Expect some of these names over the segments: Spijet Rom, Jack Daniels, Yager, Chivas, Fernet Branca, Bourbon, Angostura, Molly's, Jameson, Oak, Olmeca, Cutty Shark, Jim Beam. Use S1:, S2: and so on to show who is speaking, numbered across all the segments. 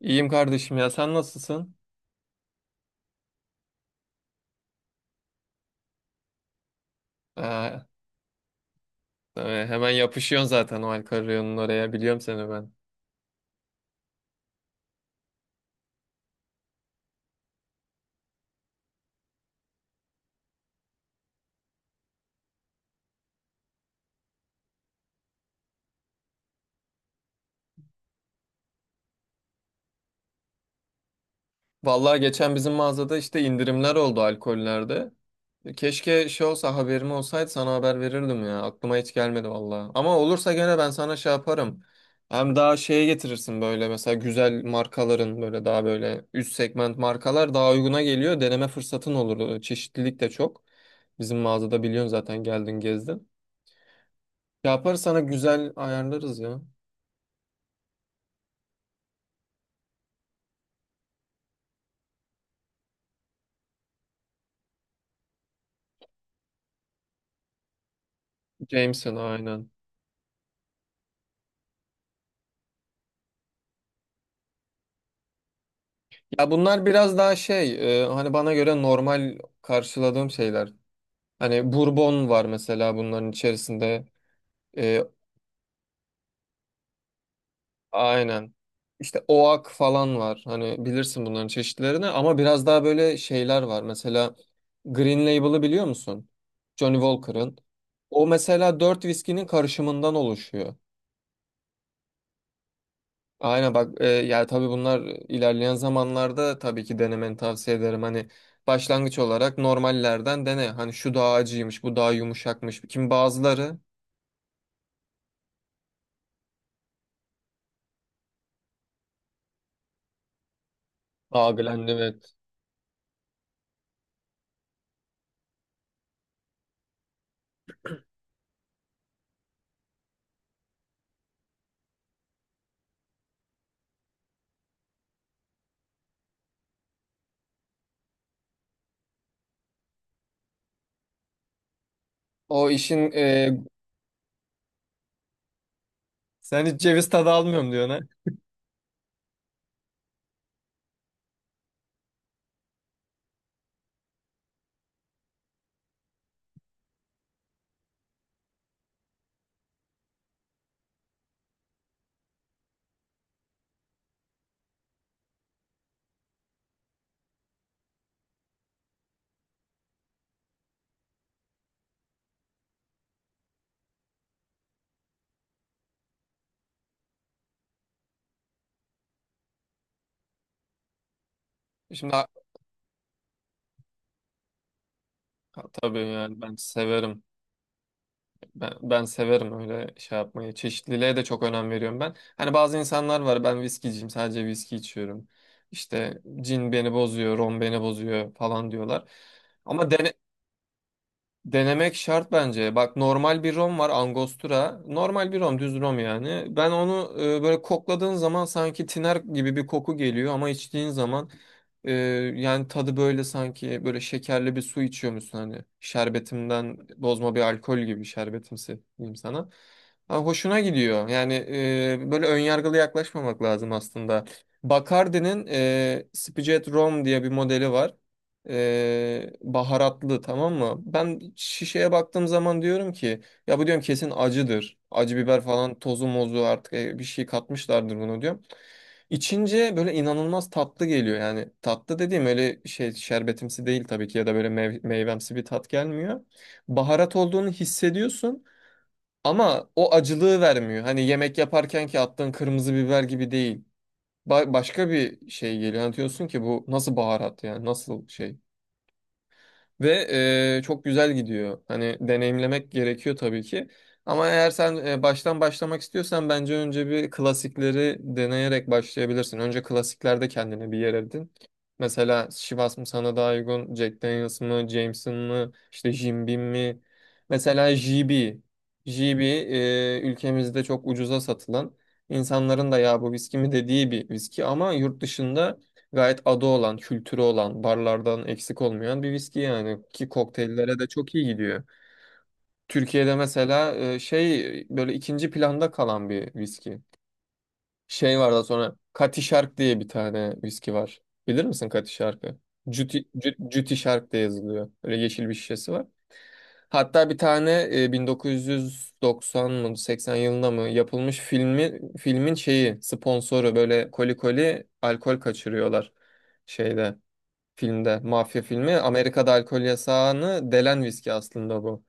S1: İyiyim kardeşim ya sen nasılsın? Aa, tabii, hemen yapışıyorsun zaten o alkol reyonunun oraya biliyorum seni ben. Vallahi geçen bizim mağazada işte indirimler oldu alkollerde. Keşke şey olsa haberim olsaydı sana haber verirdim ya. Aklıma hiç gelmedi vallahi. Ama olursa gene ben sana şey yaparım. Hem daha şeye getirirsin böyle mesela güzel markaların böyle daha böyle üst segment markalar daha uyguna geliyor. Deneme fırsatın olur. Çeşitlilik de çok. Bizim mağazada biliyorsun zaten geldin gezdin. Yaparız sana güzel ayarlarız ya. Jameson aynen. Ya bunlar biraz daha şey hani bana göre normal karşıladığım şeyler. Hani Bourbon var mesela bunların içerisinde. E, aynen. İşte Oak falan var. Hani bilirsin bunların çeşitlerini ama biraz daha böyle şeyler var. Mesela Green Label'ı biliyor musun? Johnny Walker'ın. O mesela dört viskinin karışımından oluşuyor. Aynen bak yani tabii bunlar ilerleyen zamanlarda tabii ki denemeni tavsiye ederim. Hani başlangıç olarak normallerden dene. Hani şu daha acıymış, bu daha yumuşakmış. Kim bazıları algılandım evet. O işin sen hiç ceviz tadı almıyorum diyorsun ha. Şimdi tabii yani ben severim. Ben severim öyle şey yapmayı. Çeşitliliğe de çok önem veriyorum ben. Hani bazı insanlar var ben viskiciyim sadece viski içiyorum. İşte cin beni bozuyor, rom beni bozuyor falan diyorlar. Ama denemek şart bence. Bak normal bir rom var Angostura. Normal bir rom, düz rom yani. Ben onu böyle kokladığın zaman sanki tiner gibi bir koku geliyor ama içtiğin zaman e, yani tadı böyle sanki böyle şekerli bir su içiyormuşsun hani. Şerbetimden bozma bir alkol gibi şerbetimsi diyeyim sana. Ha, hoşuna gidiyor. Yani böyle önyargılı yaklaşmamak lazım aslında. Bacardi'nin Spijet Rom diye bir modeli var baharatlı tamam mı? Ben şişeye baktığım zaman diyorum ki ya bu diyorum kesin acıdır. Acı biber falan tozu mozu artık bir şey katmışlardır bunu diyorum. İçince böyle inanılmaz tatlı geliyor. Yani tatlı dediğim öyle şey şerbetimsi değil tabii ki ya da böyle meyvemsi bir tat gelmiyor. Baharat olduğunu hissediyorsun ama o acılığı vermiyor. Hani yemek yaparken ki attığın kırmızı biber gibi değil. Başka bir şey geliyor. Anlatıyorsun ki bu nasıl baharat yani nasıl şey. Ve çok güzel gidiyor. Hani deneyimlemek gerekiyor tabii ki. Ama eğer sen baştan başlamak istiyorsan bence önce bir klasikleri deneyerek başlayabilirsin. Önce klasiklerde kendine bir yer edin. Mesela Chivas mı sana daha uygun, Jack Daniels mı, Jameson mı, İşte Jim Beam mi? Mesela JB. JB ülkemizde çok ucuza satılan, insanların da ya bu viski mi dediği bir viski ama yurt dışında gayet adı olan, kültürü olan, barlardan eksik olmayan bir viski yani ki kokteyllere de çok iyi gidiyor. Türkiye'de mesela şey böyle ikinci planda kalan bir viski. Şey var da sonra Cutty Shark diye bir tane viski var. Bilir misin Cutty Shark'ı? Juti, Juti Shark diye yazılıyor. Böyle yeşil bir şişesi var. Hatta bir tane 1990 mı 80 yılında mı yapılmış filmin şeyi sponsoru böyle koli koli alkol kaçırıyorlar şeyde filmde, mafya filmi. Amerika'da alkol yasağını delen viski aslında bu.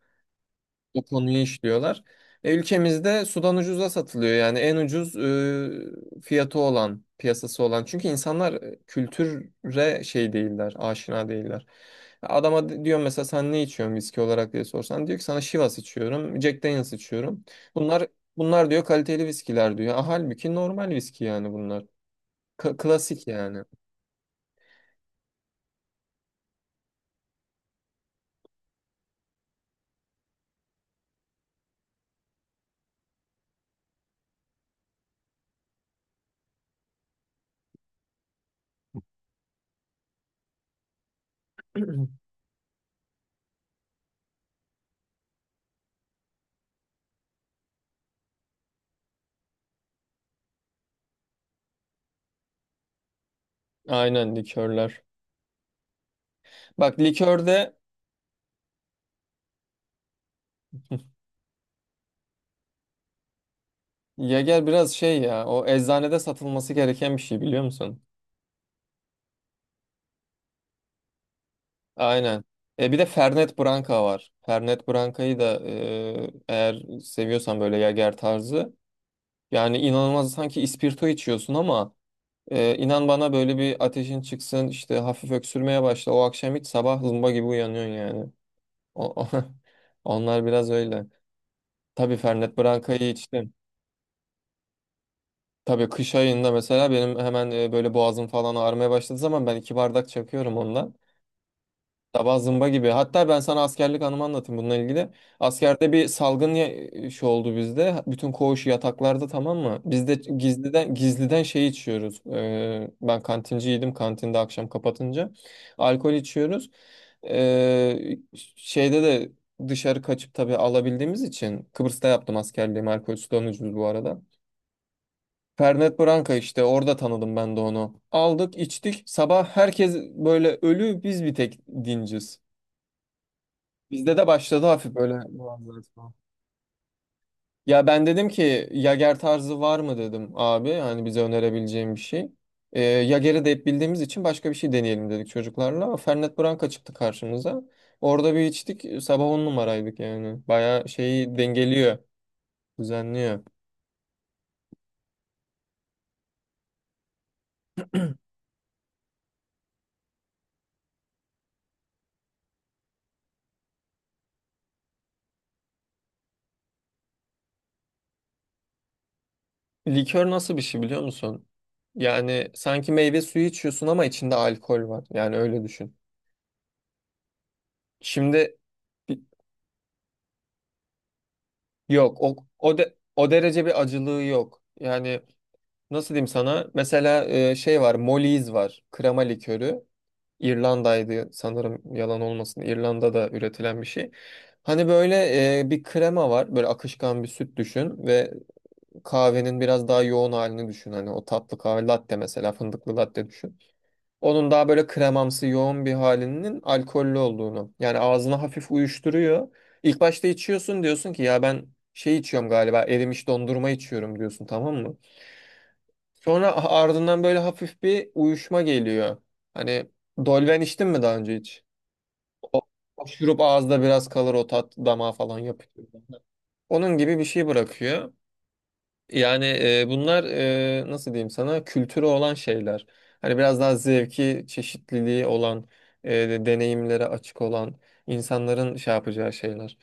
S1: O konuyu işliyorlar. Ülkemizde sudan ucuza satılıyor yani en ucuz fiyatı olan, piyasası olan. Çünkü insanlar kültüre şey değiller, aşina değiller. Adama diyorum mesela sen ne içiyorsun viski olarak diye sorsan diyor ki sana Chivas içiyorum, Jack Daniel's içiyorum. Bunlar bunlar diyor kaliteli viskiler diyor. Ah, halbuki normal viski yani bunlar. Klasik yani. Aynen likörler. Bak likörde Yager biraz şey ya o eczanede satılması gereken bir şey biliyor musun? Aynen. E bir de Fernet Branca var. Fernet Branca'yı da eğer seviyorsan böyle Yager tarzı yani inanılmaz sanki ispirto içiyorsun ama inan bana böyle bir ateşin çıksın işte hafif öksürmeye başla o akşam hiç sabah zımba gibi uyanıyorsun yani. O, onlar biraz öyle. Tabii Fernet Branca'yı içtim. Tabii kış ayında mesela benim hemen böyle boğazım falan ağrımaya başladığı zaman ben iki bardak çakıyorum ondan. Sabah zımba gibi. Hatta ben sana askerlik anımı anlatayım bununla ilgili. Askerde bir salgın şey oldu bizde. Bütün koğuş yataklarda tamam mı? Biz de gizliden gizliden şey içiyoruz. Ben kantinciydim. Kantinde akşam kapatınca alkol içiyoruz. Ee, şeyde de dışarı kaçıp tabii alabildiğimiz için Kıbrıs'ta yaptım askerliğimi. Alkol sulanıcıydı bu arada. Fernet Branca işte orada tanıdım ben de onu. Aldık, içtik. Sabah herkes böyle ölü, biz bir tek dinciz. Bizde de başladı hafif böyle muhabbet falan. Ya ben dedim ki Yager tarzı var mı dedim abi. Hani bize önerebileceğim bir şey. Yager'i de hep bildiğimiz için başka bir şey deneyelim dedik çocuklarla. Fernet Branca çıktı karşımıza. Orada bir içtik. Sabah on numaraydık yani. Bayağı şeyi dengeliyor. Düzenliyor. Likör nasıl bir şey biliyor musun? Yani sanki meyve suyu içiyorsun ama içinde alkol var. Yani öyle düşün. Şimdi yok o o, o derece bir acılığı yok. Yani nasıl diyeyim sana? Mesela şey var, Molly's var. Krema likörü. İrlanda'ydı sanırım yalan olmasın. İrlanda'da üretilen bir şey. Hani böyle bir krema var. Böyle akışkan bir süt düşün ve kahvenin biraz daha yoğun halini düşün. Hani o tatlı kahve latte mesela fındıklı latte düşün. Onun daha böyle kremamsı yoğun bir halinin alkollü olduğunu. Yani ağzına hafif uyuşturuyor. İlk başta içiyorsun diyorsun ki ya ben şey içiyorum galiba erimiş dondurma içiyorum diyorsun tamam mı? Sonra ardından böyle hafif bir uyuşma geliyor. Hani dolven içtin mi daha önce hiç? O, o şurup ağızda biraz kalır o tat damağa falan yapıyor. Onun gibi bir şey bırakıyor. Yani bunlar nasıl diyeyim sana kültürü olan şeyler. Hani biraz daha zevki, çeşitliliği olan, deneyimlere açık olan insanların şey yapacağı şeyler.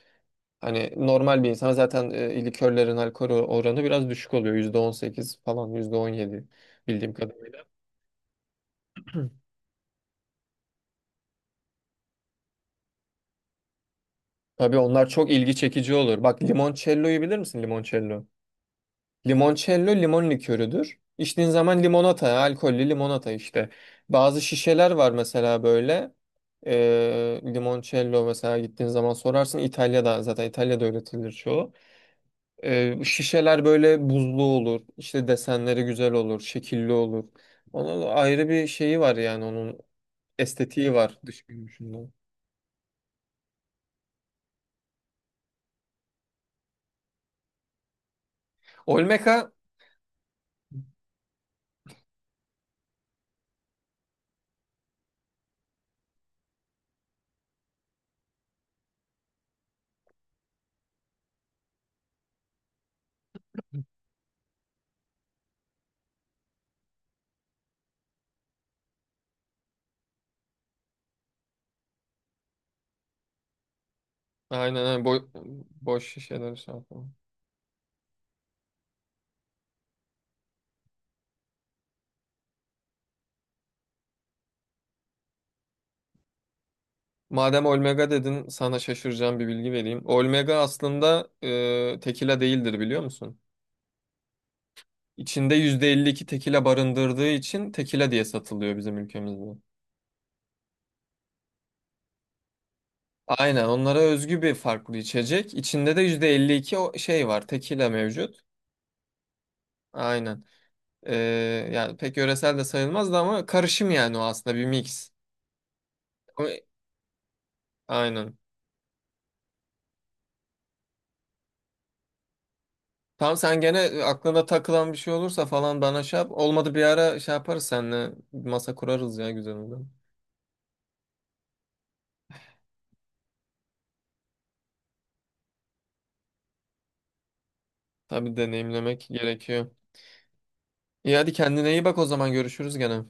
S1: Hani normal bir insan zaten likörlerin alkol oranı biraz düşük oluyor. %18 falan, %17 bildiğim kadarıyla. Tabii onlar çok ilgi çekici olur. Bak limoncello'yu bilir misin limoncello? Limoncello limon likörüdür. İçtiğin zaman limonata, alkollü limonata işte. Bazı şişeler var mesela böyle. Limoncello mesela gittiğin zaman sorarsın. İtalya'da zaten İtalya'da öğretilir çoğu. Şişeler böyle buzlu olur. İşte desenleri güzel olur, şekilli olur. Onun ayrı bir şeyi var yani onun estetiği var dış görünüşünden. Olmeca aynen aynen boş şişeler şey yapıyor. Madem Olmega dedin, sana şaşıracağım bir bilgi vereyim. Olmega aslında tekila değildir biliyor musun? İçinde %52 tekila barındırdığı için tekila diye satılıyor bizim ülkemizde. Aynen onlara özgü bir farklı içecek. İçinde de %52 o şey var, tekila mevcut. Aynen. E, yani pek yöresel de sayılmazdı ama karışım yani o aslında bir mix. Ama- Aynen. Tamam sen gene aklına takılan bir şey olursa falan bana şey yap. Olmadı bir ara şey yaparız seninle masa kurarız ya güzel olur. Tabii deneyimlemek gerekiyor. İyi hadi kendine iyi bak o zaman görüşürüz gene.